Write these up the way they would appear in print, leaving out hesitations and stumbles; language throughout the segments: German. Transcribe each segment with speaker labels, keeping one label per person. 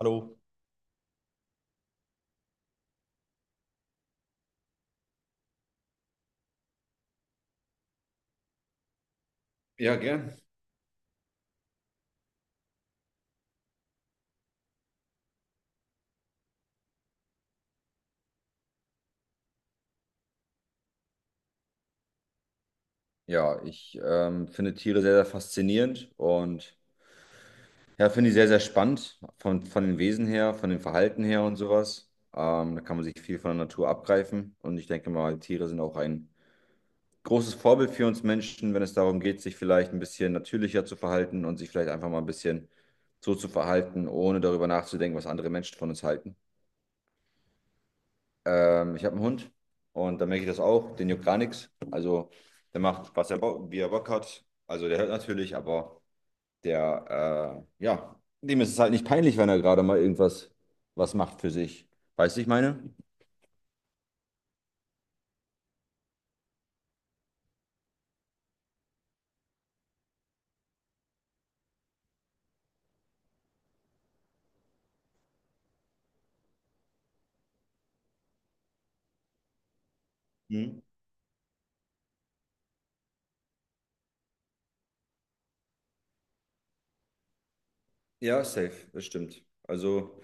Speaker 1: Hallo. Ja, gern. Ja, ich finde Tiere sehr, sehr faszinierend und ja, finde ich sehr, sehr spannend von den Wesen her, von dem Verhalten her und sowas. Da kann man sich viel von der Natur abgreifen und ich denke mal, Tiere sind auch ein großes Vorbild für uns Menschen, wenn es darum geht, sich vielleicht ein bisschen natürlicher zu verhalten und sich vielleicht einfach mal ein bisschen so zu verhalten, ohne darüber nachzudenken, was andere Menschen von uns halten. Ich habe einen Hund und da merke ich das auch. Den juckt gar nichts. Also der macht, was er Bock, wie er Bock hat. Also der hört natürlich, aber dem ist es halt nicht peinlich, wenn er gerade mal irgendwas was macht für sich. Weißt du, ich meine? Mhm. Ja, safe, das stimmt. Also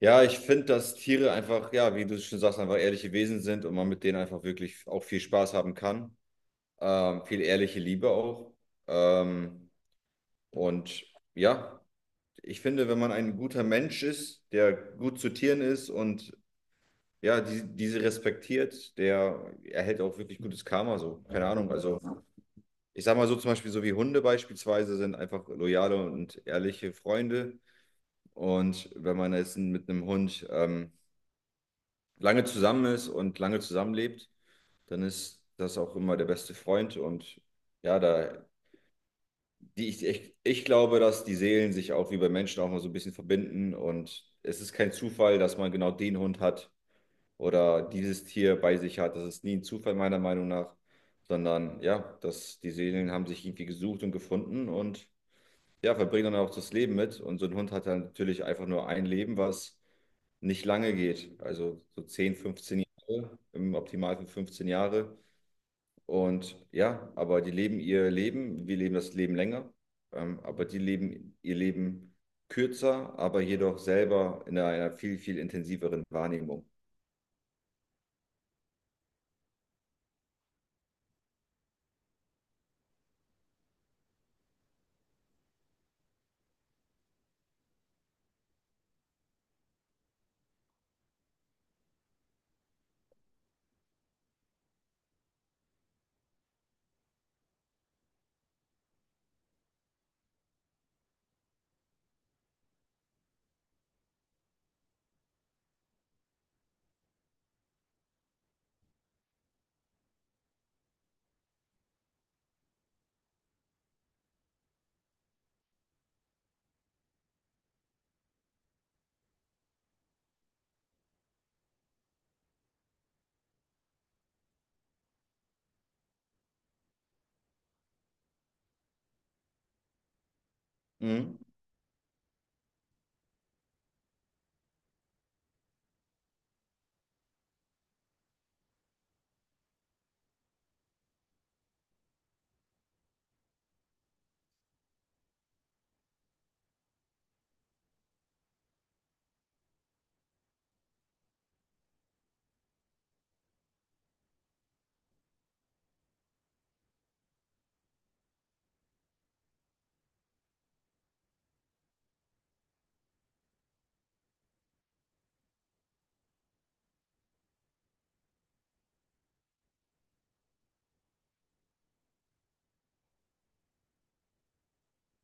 Speaker 1: ja, ich finde, dass Tiere einfach, ja, wie du schon sagst, einfach ehrliche Wesen sind und man mit denen einfach wirklich auch viel Spaß haben kann. Viel ehrliche Liebe auch. Ähm, und ja, ich finde, wenn man ein guter Mensch ist, der gut zu Tieren ist und ja, diese respektiert, der erhält auch wirklich gutes Karma so. Keine Ahnung. Also ich sag mal so zum Beispiel, so wie Hunde beispielsweise sind einfach loyale und ehrliche Freunde. Und wenn man jetzt mit einem Hund lange zusammen ist und lange zusammenlebt, dann ist das auch immer der beste Freund. Und ja, da die ich, ich, ich glaube, dass die Seelen sich auch wie bei Menschen auch mal so ein bisschen verbinden und es ist kein Zufall, dass man genau den Hund hat oder dieses Tier bei sich hat. Das ist nie ein Zufall meiner Meinung nach, sondern ja, dass die Seelen haben sich irgendwie gesucht und gefunden und ja, verbringen dann auch das Leben mit. Und so ein Hund hat dann natürlich einfach nur ein Leben, was nicht lange geht. Also so 10, 15 Jahre, im Optimalfall 15 Jahre. Und ja, aber die leben ihr Leben, wir leben das Leben länger, aber die leben ihr Leben kürzer, aber jedoch selber in einer viel, viel intensiveren Wahrnehmung. Mhm.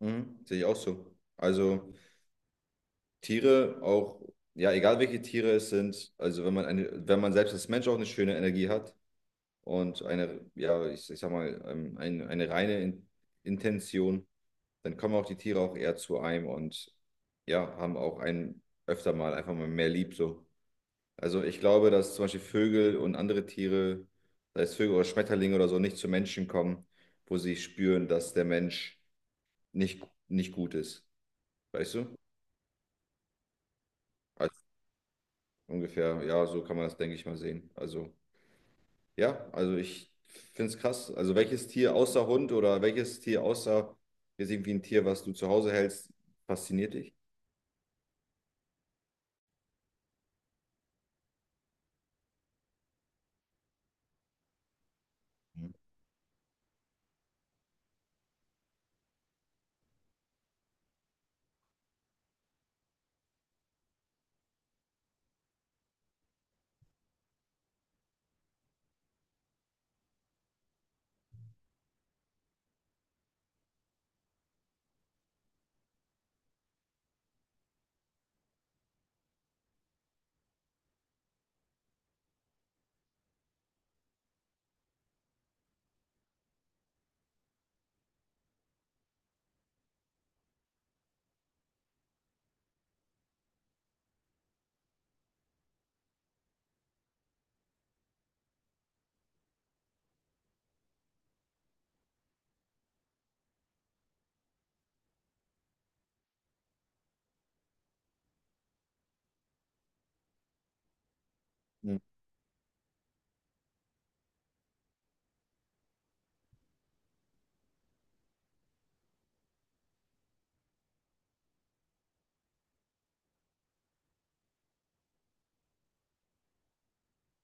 Speaker 1: Mhm. Sehe ich auch so. Also Tiere auch, ja, egal welche Tiere es sind, also wenn man eine, wenn man selbst als Mensch auch eine schöne Energie hat und eine, ja, ich sag mal, eine reine Intention, dann kommen auch die Tiere auch eher zu einem und ja, haben auch einen öfter mal einfach mal mehr lieb so. Also ich glaube, dass zum Beispiel Vögel und andere Tiere, sei es Vögel oder Schmetterlinge oder so, nicht zu Menschen kommen, wo sie spüren, dass der Mensch nicht, nicht gut ist. Weißt du? Also ungefähr, ja, so kann man das, denke ich mal, sehen. Also, ja, also ich finde es krass. Also welches Tier außer Hund oder welches Tier außer jetzt irgendwie ein Tier, was du zu Hause hältst, fasziniert dich? Mhm.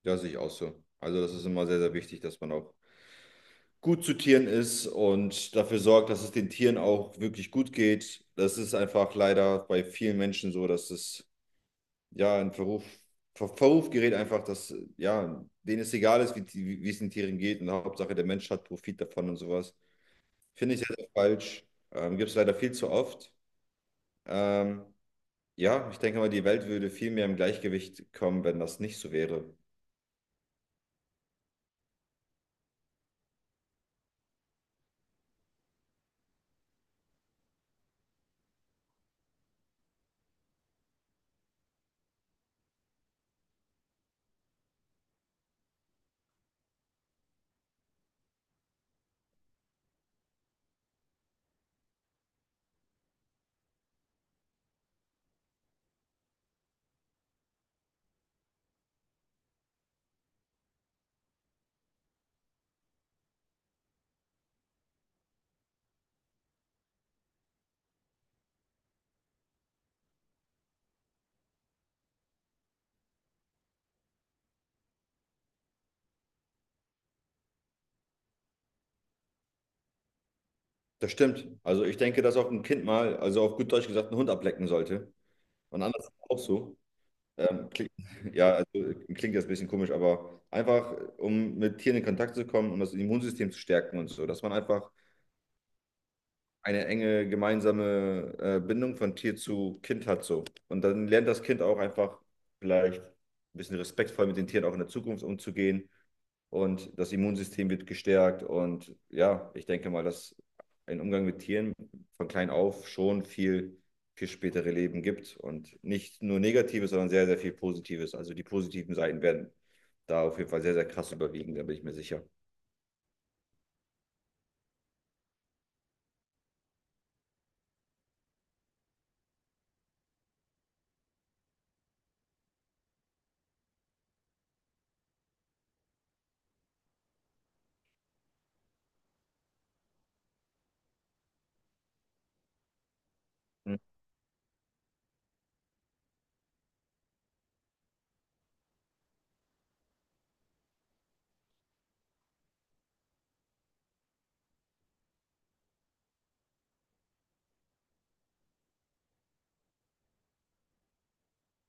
Speaker 1: Ja, sehe ich auch so. Also das ist immer sehr, sehr wichtig, dass man auch gut zu Tieren ist und dafür sorgt, dass es den Tieren auch wirklich gut geht. Das ist einfach leider bei vielen Menschen so, dass es ja in Verruf gerät einfach, dass ja, denen es egal ist, wie, wie es den Tieren geht und Hauptsache der Mensch hat Profit davon und sowas. Finde ich sehr, sehr falsch. Gibt es leider viel zu oft. Ähm, ja, ich denke mal, die Welt würde viel mehr im Gleichgewicht kommen, wenn das nicht so wäre. Das stimmt. Also ich denke, dass auch ein Kind mal, also auf gut Deutsch gesagt, einen Hund ablecken sollte. Und anders auch so. Ähm, klingt, ja, also klingt jetzt ein bisschen komisch, aber einfach, um mit Tieren in Kontakt zu kommen, und das Immunsystem zu stärken und so, dass man einfach eine enge gemeinsame Bindung von Tier zu Kind hat so. Und dann lernt das Kind auch einfach vielleicht ein bisschen respektvoll mit den Tieren auch in der Zukunft umzugehen. Und das Immunsystem wird gestärkt. Und ja, ich denke mal, dass ein Umgang mit Tieren von klein auf schon viel für spätere Leben gibt. Und nicht nur Negatives, sondern sehr, sehr viel Positives. Also die positiven Seiten werden da auf jeden Fall sehr, sehr krass überwiegen, da bin ich mir sicher.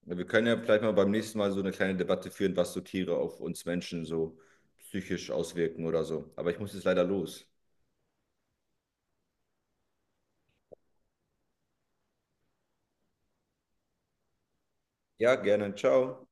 Speaker 1: Ja, wir können ja vielleicht mal beim nächsten Mal so eine kleine Debatte führen, was so Tiere auf uns Menschen so psychisch auswirken oder so. Aber ich muss jetzt leider los. Ja, gerne. Ciao.